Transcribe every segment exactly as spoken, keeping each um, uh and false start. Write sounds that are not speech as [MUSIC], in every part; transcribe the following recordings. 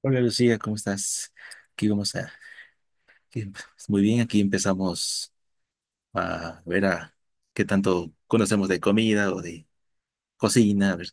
Hola Lucía, ¿cómo estás? Aquí vamos a... aquí- Muy bien, aquí empezamos a ver a qué tanto conocemos de comida o de cocina. A ver.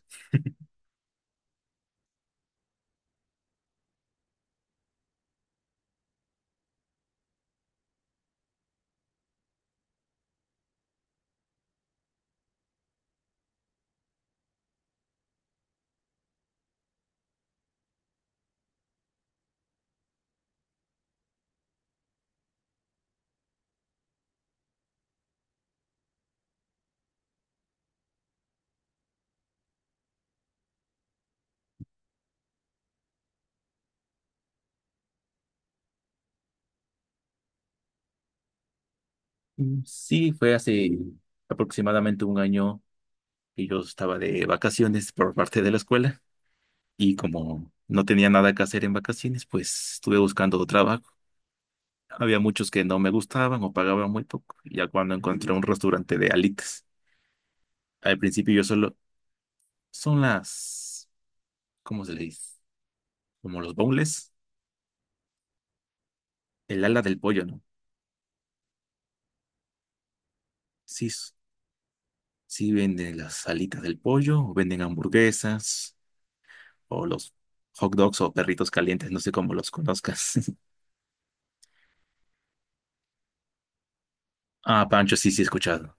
Mm, Sí, fue hace aproximadamente un año que yo estaba de vacaciones por parte de la escuela y como no tenía nada que hacer en vacaciones, pues estuve buscando trabajo. Había muchos que no me gustaban o pagaban muy poco, ya cuando encontré un restaurante de alitas. Al principio yo solo... Son las... ¿Cómo se le dice? Como los boneless, el ala del pollo, ¿no? Sí, sí venden las alitas del pollo, o venden hamburguesas, o los hot dogs o perritos calientes, no sé cómo los conozcas. [LAUGHS] Ah, pancho, sí, sí, he escuchado.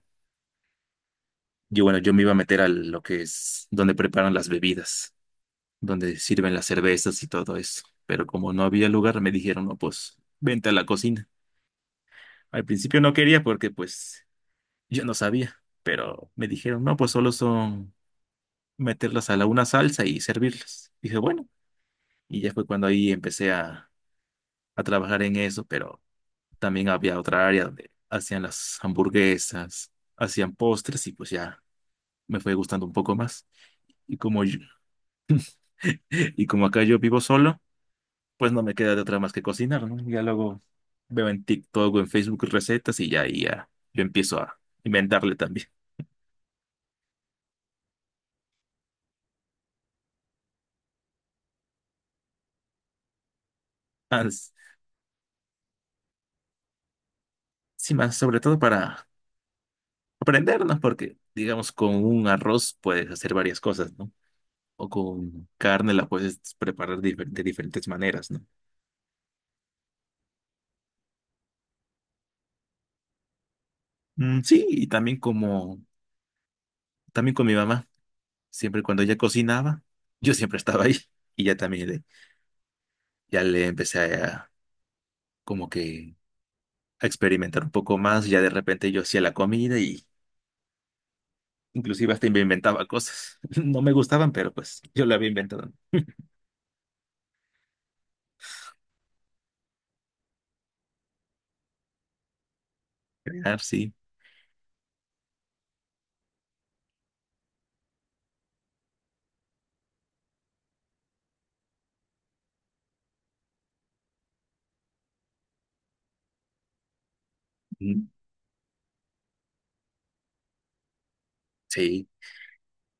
Yo, bueno, yo me iba a meter a lo que es donde preparan las bebidas, donde sirven las cervezas y todo eso. Pero como no había lugar, me dijeron, no, pues, vente a la cocina. Al principio no quería porque, pues, yo no sabía. Pero me dijeron, no, pues solo son meterlas a la una salsa y servirlas. Dije, bueno, y ya fue cuando ahí empecé a, a trabajar en eso, pero también había otra área donde hacían las hamburguesas, hacían postres y pues ya me fue gustando un poco más. Y como yo- [LAUGHS] y como acá yo vivo solo, pues no me queda de otra más que cocinar, ¿no? Ya luego veo en TikTok o en Facebook recetas y ya, ahí ya yo empiezo a inventarle también. [LAUGHS] Ah, s- Sí, más sobre todo para aprendernos, porque digamos con un arroz puedes hacer varias cosas, ¿no? O con carne la puedes preparar difer- de diferentes maneras, ¿no? Mm, sí, y también como, también con mi mamá, siempre cuando ella cocinaba, yo siempre estaba ahí [LAUGHS] y ya también le, ya le empecé a, como que a experimentar un poco más, ya de repente yo hacía la comida y inclusive hasta me inventaba cosas, [LAUGHS] no me gustaban, pero pues yo la había inventado. Ah, sí, mm, sí,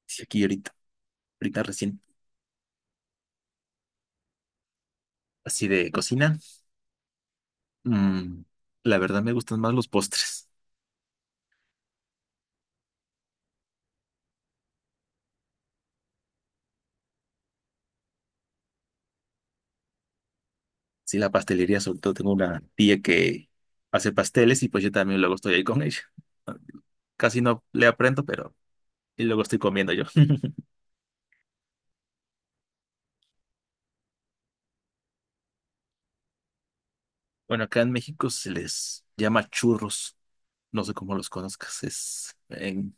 sí, aquí ahorita, ahorita recién, así de cocina, mm, la verdad me gustan más los postres. Sí, la pastelería, sobre todo tengo una tía que hace pasteles y pues yo también luego estoy ahí con ella. Casi no le aprendo, pero y luego estoy comiendo yo. [LAUGHS] Bueno, acá en México se les llama churros. No sé cómo los conozcas, es en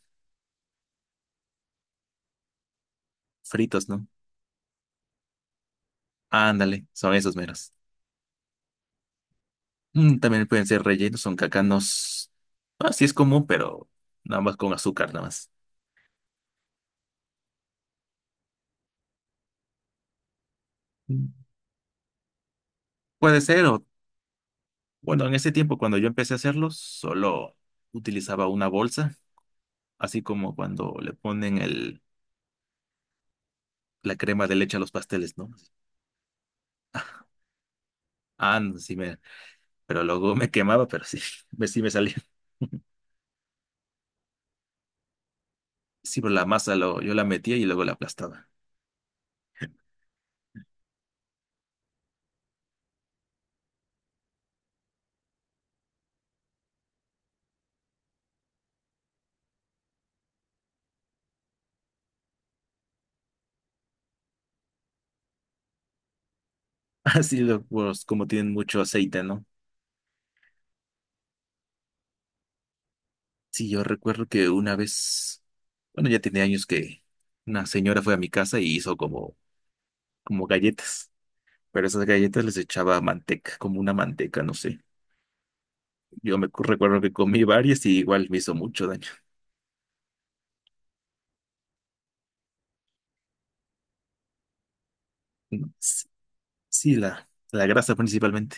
fritos, ¿no? Ándale, son esos meros. Mm, también pueden ser rellenos, son cacanos. Ah, sí es común, pero nada más con azúcar, nada más. Mm, Puede ser, o bueno, en ese tiempo cuando yo empecé a hacerlos, solo utilizaba una bolsa, así como cuando le ponen el la crema de leche a los pasteles, ¿no? Ah, ah, no, sí me, pero luego me quemaba, pero sí, [LAUGHS] me, sí me salía. [LAUGHS] Sí, pero la masa lo, yo la metía y luego la aplastaba. [LAUGHS] Así lo, pues, como tienen mucho aceite, ¿no? Sí, yo recuerdo que una vez, bueno, ya tenía años que una señora fue a mi casa y hizo como, como galletas, pero esas galletas les echaba manteca, como una manteca, no sé. Yo me cu- recuerdo que comí varias y igual me hizo mucho daño. [LAUGHS] Sí, la, la grasa principalmente.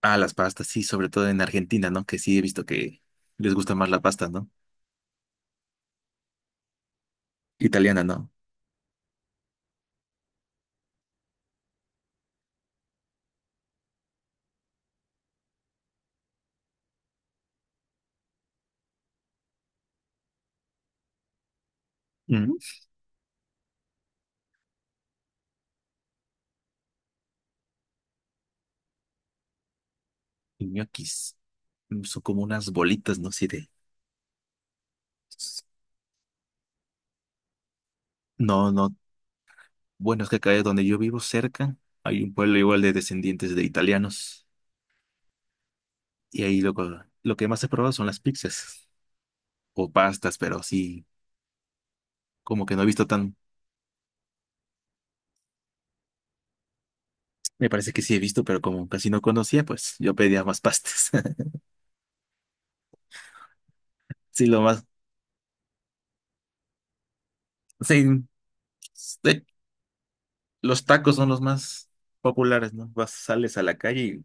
Ah, las pastas, sí, sobre todo en Argentina, ¿no? Que sí he visto que les gusta más la pasta, ¿no? Italiana, ¿no? Mm. Y ñoquis mm, son como unas bolitas, ¿no? Sí, de... No, no. Bueno, es que acá donde yo vivo, cerca, hay un pueblo igual de descendientes de italianos. Y ahí lo, co- lo que más he probado son las pizzas o pastas, pero sí, como que no he visto tan... Me parece que sí he visto, pero como casi no conocía, pues yo pedía más pastas. [LAUGHS] Sí, lo más... Sí, de los tacos son los más populares, ¿no? Vas, sales a la calle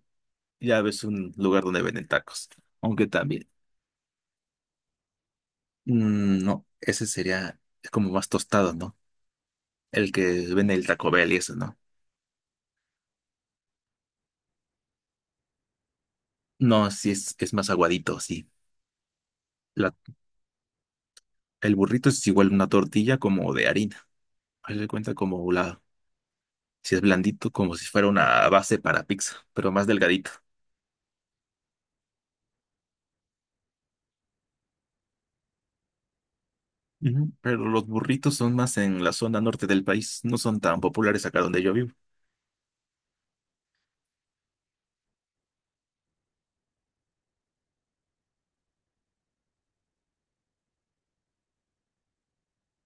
y ya ves un lugar donde venden tacos. Aunque también, mm, no, ese sería es como más tostado, ¿no? El que vende el Taco Bell y eso, ¿no? No, sí es, es más aguadito, sí. La- el burrito es igual una tortilla como de harina. Haz de cuenta como la, si es blandito, como si fuera una base para pizza, pero más delgadito. Ujú. Pero los burritos son más en la zona norte del país, no son tan populares acá donde yo vivo.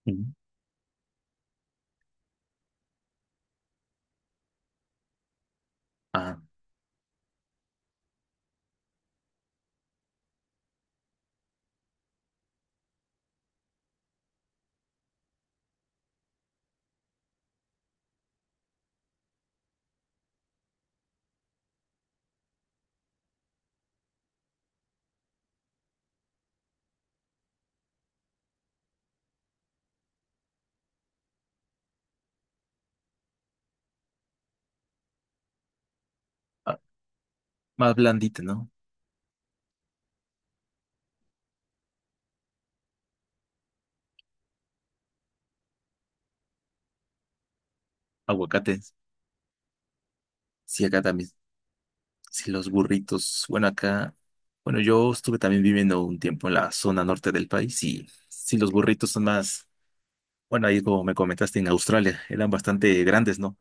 Ujú. Ah, más blandita, ¿no? Aguacates. Sí, acá también. Sí, los burritos. Bueno, acá. Bueno, yo estuve también viviendo un tiempo en la zona norte del país y sí, los burritos son más. Bueno, ahí como me comentaste en Australia, eran bastante grandes, ¿no?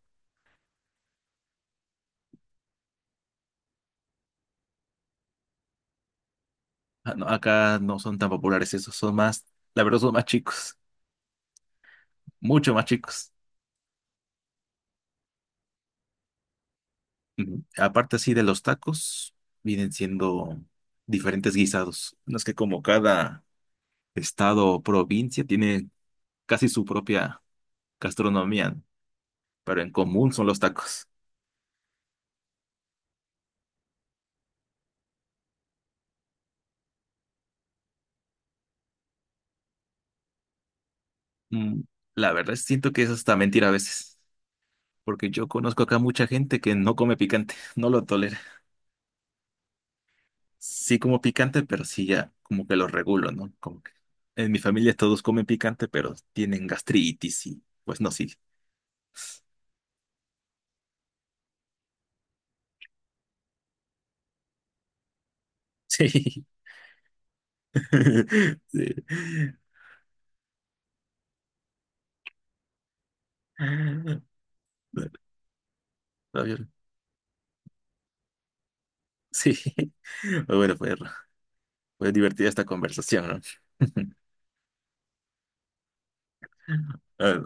Ah, no, acá no son tan populares esos, son más. La verdad, son más chicos, mucho más chicos. Ujú. Aparte, así de los tacos, vienen siendo diferentes guisados. No es que como cada estado o provincia tiene casi su propia gastronomía, pero en común son los tacos. Mm, La verdad siento que eso está mentira a veces, porque yo conozco acá mucha gente que no come picante, [LAUGHS] no lo tolera. Sí como picante, pero sí ya como que lo regulo, ¿no? Como que en mi familia todos comen picante, pero tienen gastritis y pues no, sí. [LAUGHS] Sí. [LAUGHS] Sí. Ah, bueno, está bien. Sí. [LAUGHS] Bueno, fue, fue divertida esta conversación, ¿no? [LAUGHS] Ah,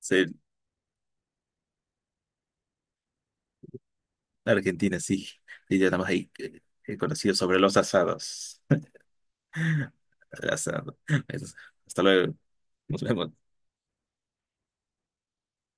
sí, Argentina, sí. Y ya nada más ahí eh, eh, conocido sobre los asados. [LAUGHS] Asado. Hasta luego. Nos vemos.